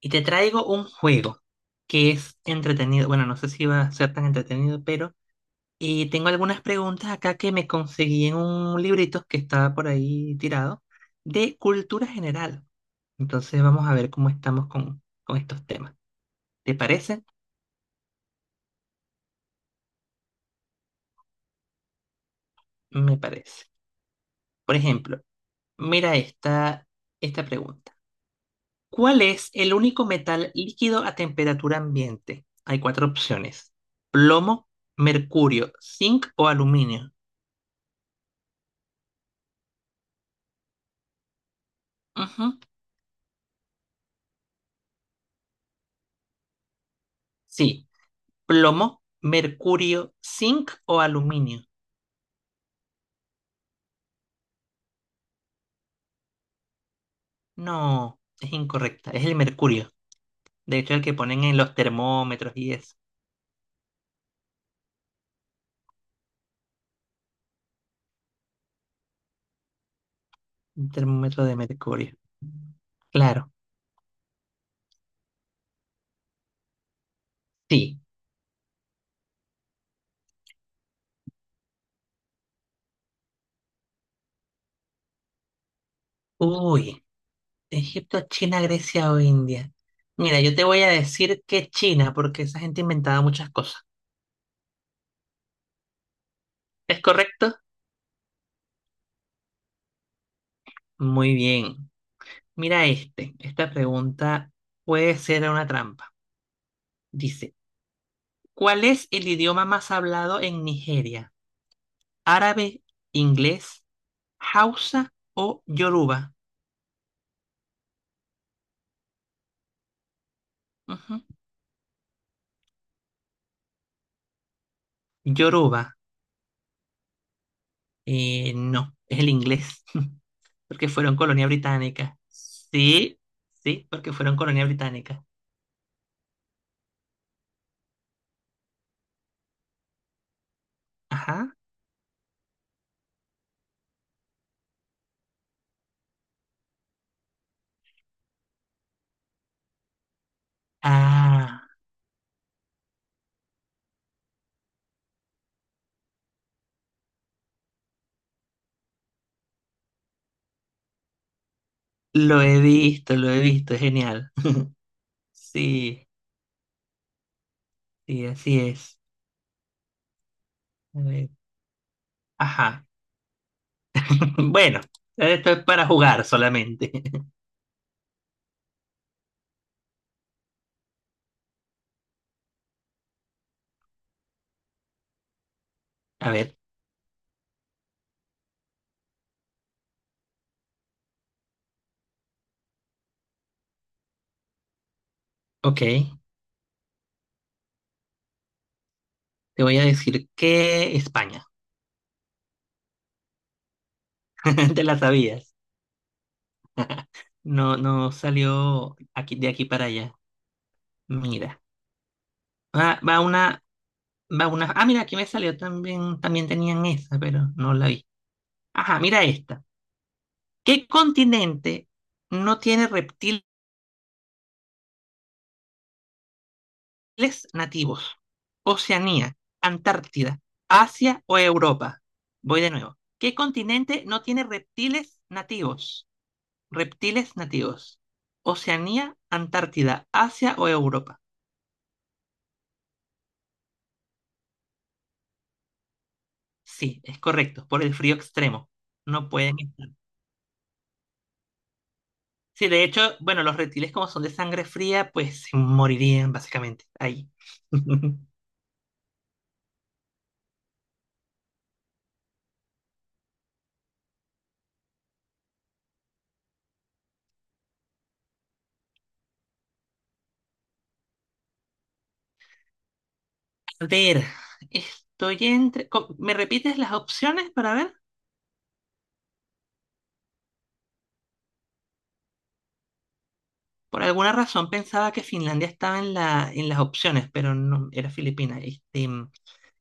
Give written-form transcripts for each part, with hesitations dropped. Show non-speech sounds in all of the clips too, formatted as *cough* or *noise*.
Y te traigo un juego que es entretenido. Bueno, no sé si va a ser tan entretenido, pero. Y tengo algunas preguntas acá que me conseguí en un librito que estaba por ahí tirado de cultura general. Entonces vamos a ver cómo estamos con estos temas. ¿Te parece? Me parece. Por ejemplo, mira esta pregunta. ¿Cuál es el único metal líquido a temperatura ambiente? Hay cuatro opciones. Plomo, mercurio, zinc o aluminio. Ujú. Sí, plomo, mercurio, zinc o aluminio. No, es incorrecta, es el mercurio. De hecho, el que ponen en los termómetros y eso. Un termómetro de mercurio. Claro, sí. Uy, Egipto, China, Grecia o India. Mira, yo te voy a decir que China, porque esa gente inventaba muchas cosas. ¿Es correcto? Muy bien. Mira este. Esta pregunta puede ser una trampa. Dice, ¿cuál es el idioma más hablado en Nigeria? Árabe, inglés, hausa o yoruba. Ujú. Yoruba, no, es el inglés, *laughs* porque fueron colonia británica. Sí, sí, porque fueron colonia británica. Ajá. Ah, lo he visto, es genial. Sí, sí, así es. A ver, ajá. *laughs* Bueno, esto es para jugar solamente. *laughs* A ver, ok. Te voy a decir que España. *laughs* Te la sabías. No, no salió aquí, de aquí para allá. Mira. Va una, va una. Ah, mira, aquí me salió también tenían esa, pero no la vi. Ajá, mira esta. ¿Qué continente no tiene reptiles nativos? Oceanía, Antártida, Asia o Europa. Voy de nuevo. ¿Qué continente no tiene reptiles nativos? Reptiles nativos. Oceanía, Antártida, Asia o Europa. Sí, es correcto, por el frío extremo. No pueden estar. Sí, de hecho, bueno, los reptiles como son de sangre fría, pues se morirían básicamente ahí. *laughs* A ver, estoy ¿me repites las opciones para ver? Por alguna razón pensaba que Finlandia estaba en las opciones, pero no, era Filipina. Este,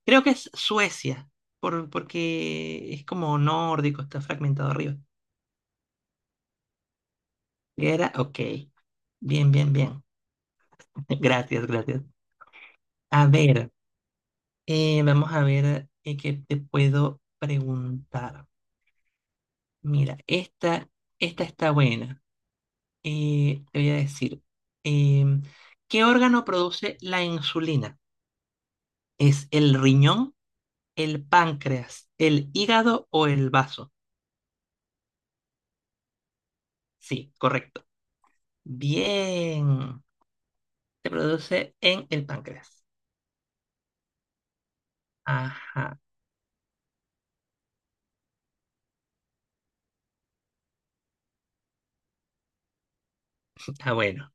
creo que es Suecia, porque es como nórdico, está fragmentado arriba. Era, ok. Bien, bien, bien. *laughs* Gracias, gracias. A ver. Vamos a ver qué te puedo preguntar. Mira, esta está buena. Te voy a decir, em, ¿qué órgano produce la insulina? ¿Es el riñón, el páncreas, el hígado o el vaso? Sí, correcto. Bien. Se produce en el páncreas. Ajá. Ah, bueno.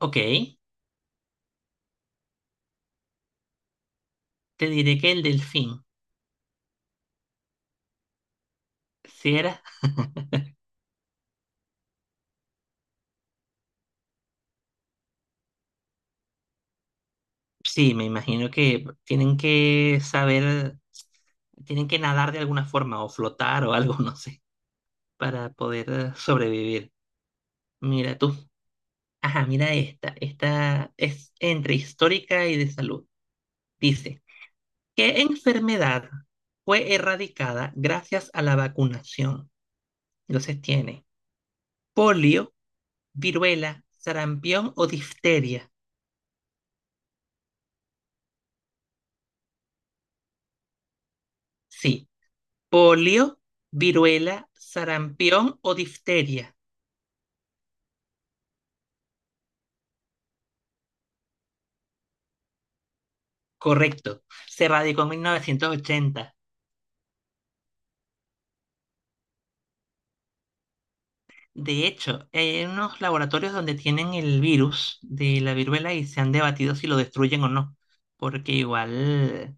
Ok. Te diré que el delfín. Si era. *laughs* Sí, me imagino que tienen que nadar de alguna forma o flotar o algo, *laughs* no sé, para poder sobrevivir. Mira tú. Ajá, mira esta. Esta es entre histórica y de salud. Dice, ¿qué enfermedad fue erradicada gracias a la vacunación? Entonces tiene polio, viruela, sarampión o difteria. Sí, polio, viruela, sarampión o difteria. Correcto, se radicó en 1980. De hecho, hay unos laboratorios donde tienen el virus de la viruela y se han debatido si lo destruyen o no, porque igual,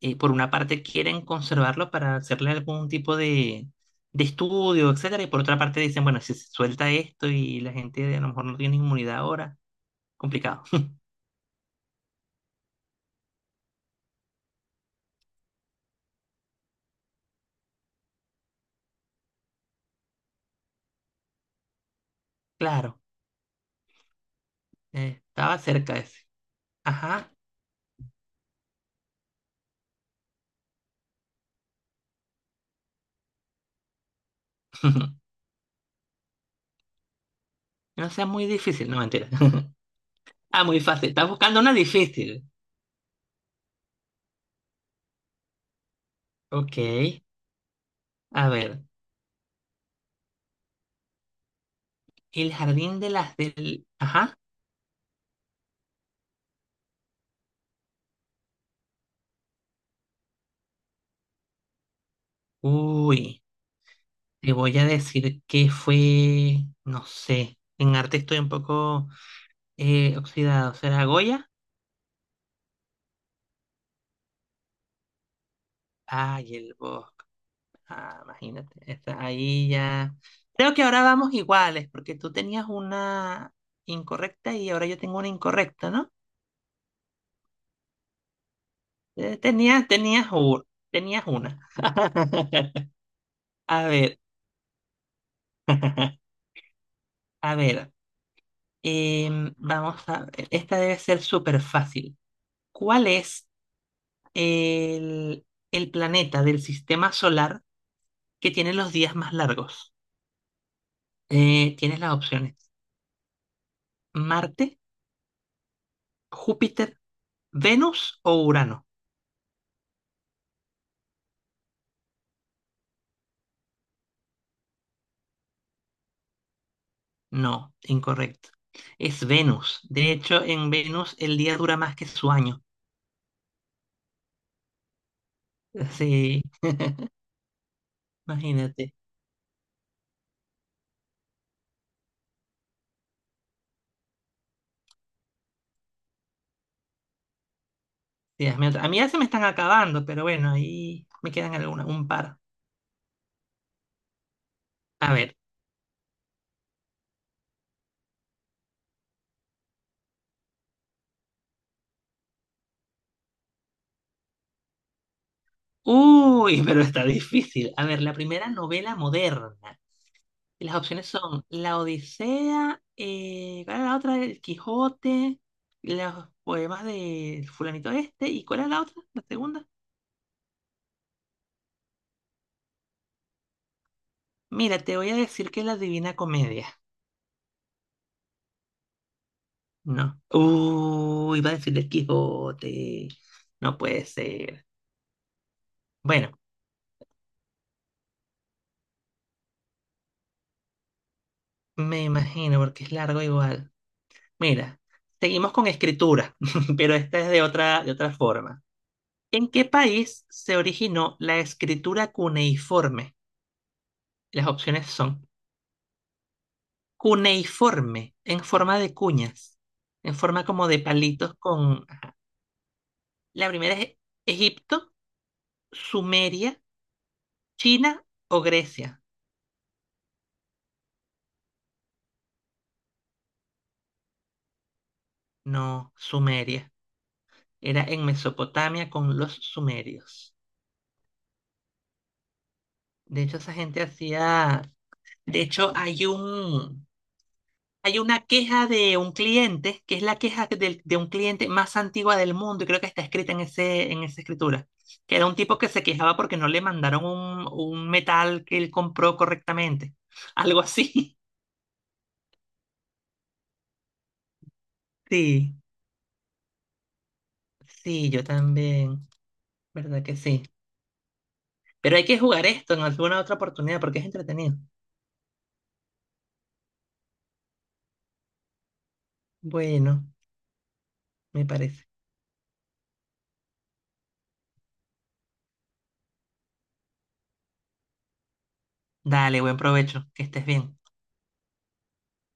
por una parte quieren conservarlo para hacerle algún tipo de estudio, etcétera, y por otra parte dicen, bueno, si se suelta esto y la gente a lo mejor no tiene inmunidad ahora, complicado. *laughs* Claro, estaba cerca ese. Ajá, *laughs* no sea muy difícil, no mentira. *laughs* Ah, muy fácil, estás buscando una difícil. Ok, a ver, el jardín de las del. Ajá. Uy, te voy a decir que fue, no sé, en arte estoy un poco oxidado. ¿Será Goya? Ay, el bosque. Ah, imagínate, está ahí ya. Creo que ahora vamos iguales, porque tú tenías una incorrecta y ahora yo tengo una incorrecta, ¿no? Eh, tenías, tenías, u- tenías una. *laughs* A ver, *laughs* a ver. Em, vamos a ver, esta debe ser súper fácil. ¿Cuál es el planeta del sistema solar que tiene los días más largos? Tienes las opciones. ¿Marte, Júpiter, Venus o Urano? No, incorrecto. Es Venus. De hecho, en Venus el día dura más que su año. Sí, imagínate. Sí, hazme otra. A mí ya se me están acabando, pero bueno, ahí me quedan un par. A ver. Uy, pero está difícil. A ver, la primera novela moderna. Y las opciones son La Odisea, ¿cuál era la otra? El Quijote, los poemas de fulanito este. ¿Y cuál era la otra? La segunda. Mira, te voy a decir que es la Divina Comedia. No. Uy, iba a decir el Quijote. No puede ser. Bueno, me imagino porque es largo igual. Mira, seguimos con escritura, *laughs* pero esta es de otra forma. ¿En qué país se originó la escritura cuneiforme? Las opciones son cuneiforme, en forma de cuñas, en forma como de palitos con. Ajá. La primera es Egipto, Sumeria, China o Grecia. No, Sumeria. Era en Mesopotamia con los sumerios. De hecho, esa gente hacía. De hecho, hay un. Hay una queja de un cliente, que es la queja un cliente más antigua del mundo, y creo que está escrita en ese, en esa escritura, que era un tipo que se quejaba porque no le mandaron un metal que él compró correctamente. Algo así. *laughs* Sí, sí, yo también, ¿verdad que sí? Pero hay que jugar esto en alguna otra oportunidad porque es entretenido. Bueno, me parece. Dale, buen provecho, que estés bien.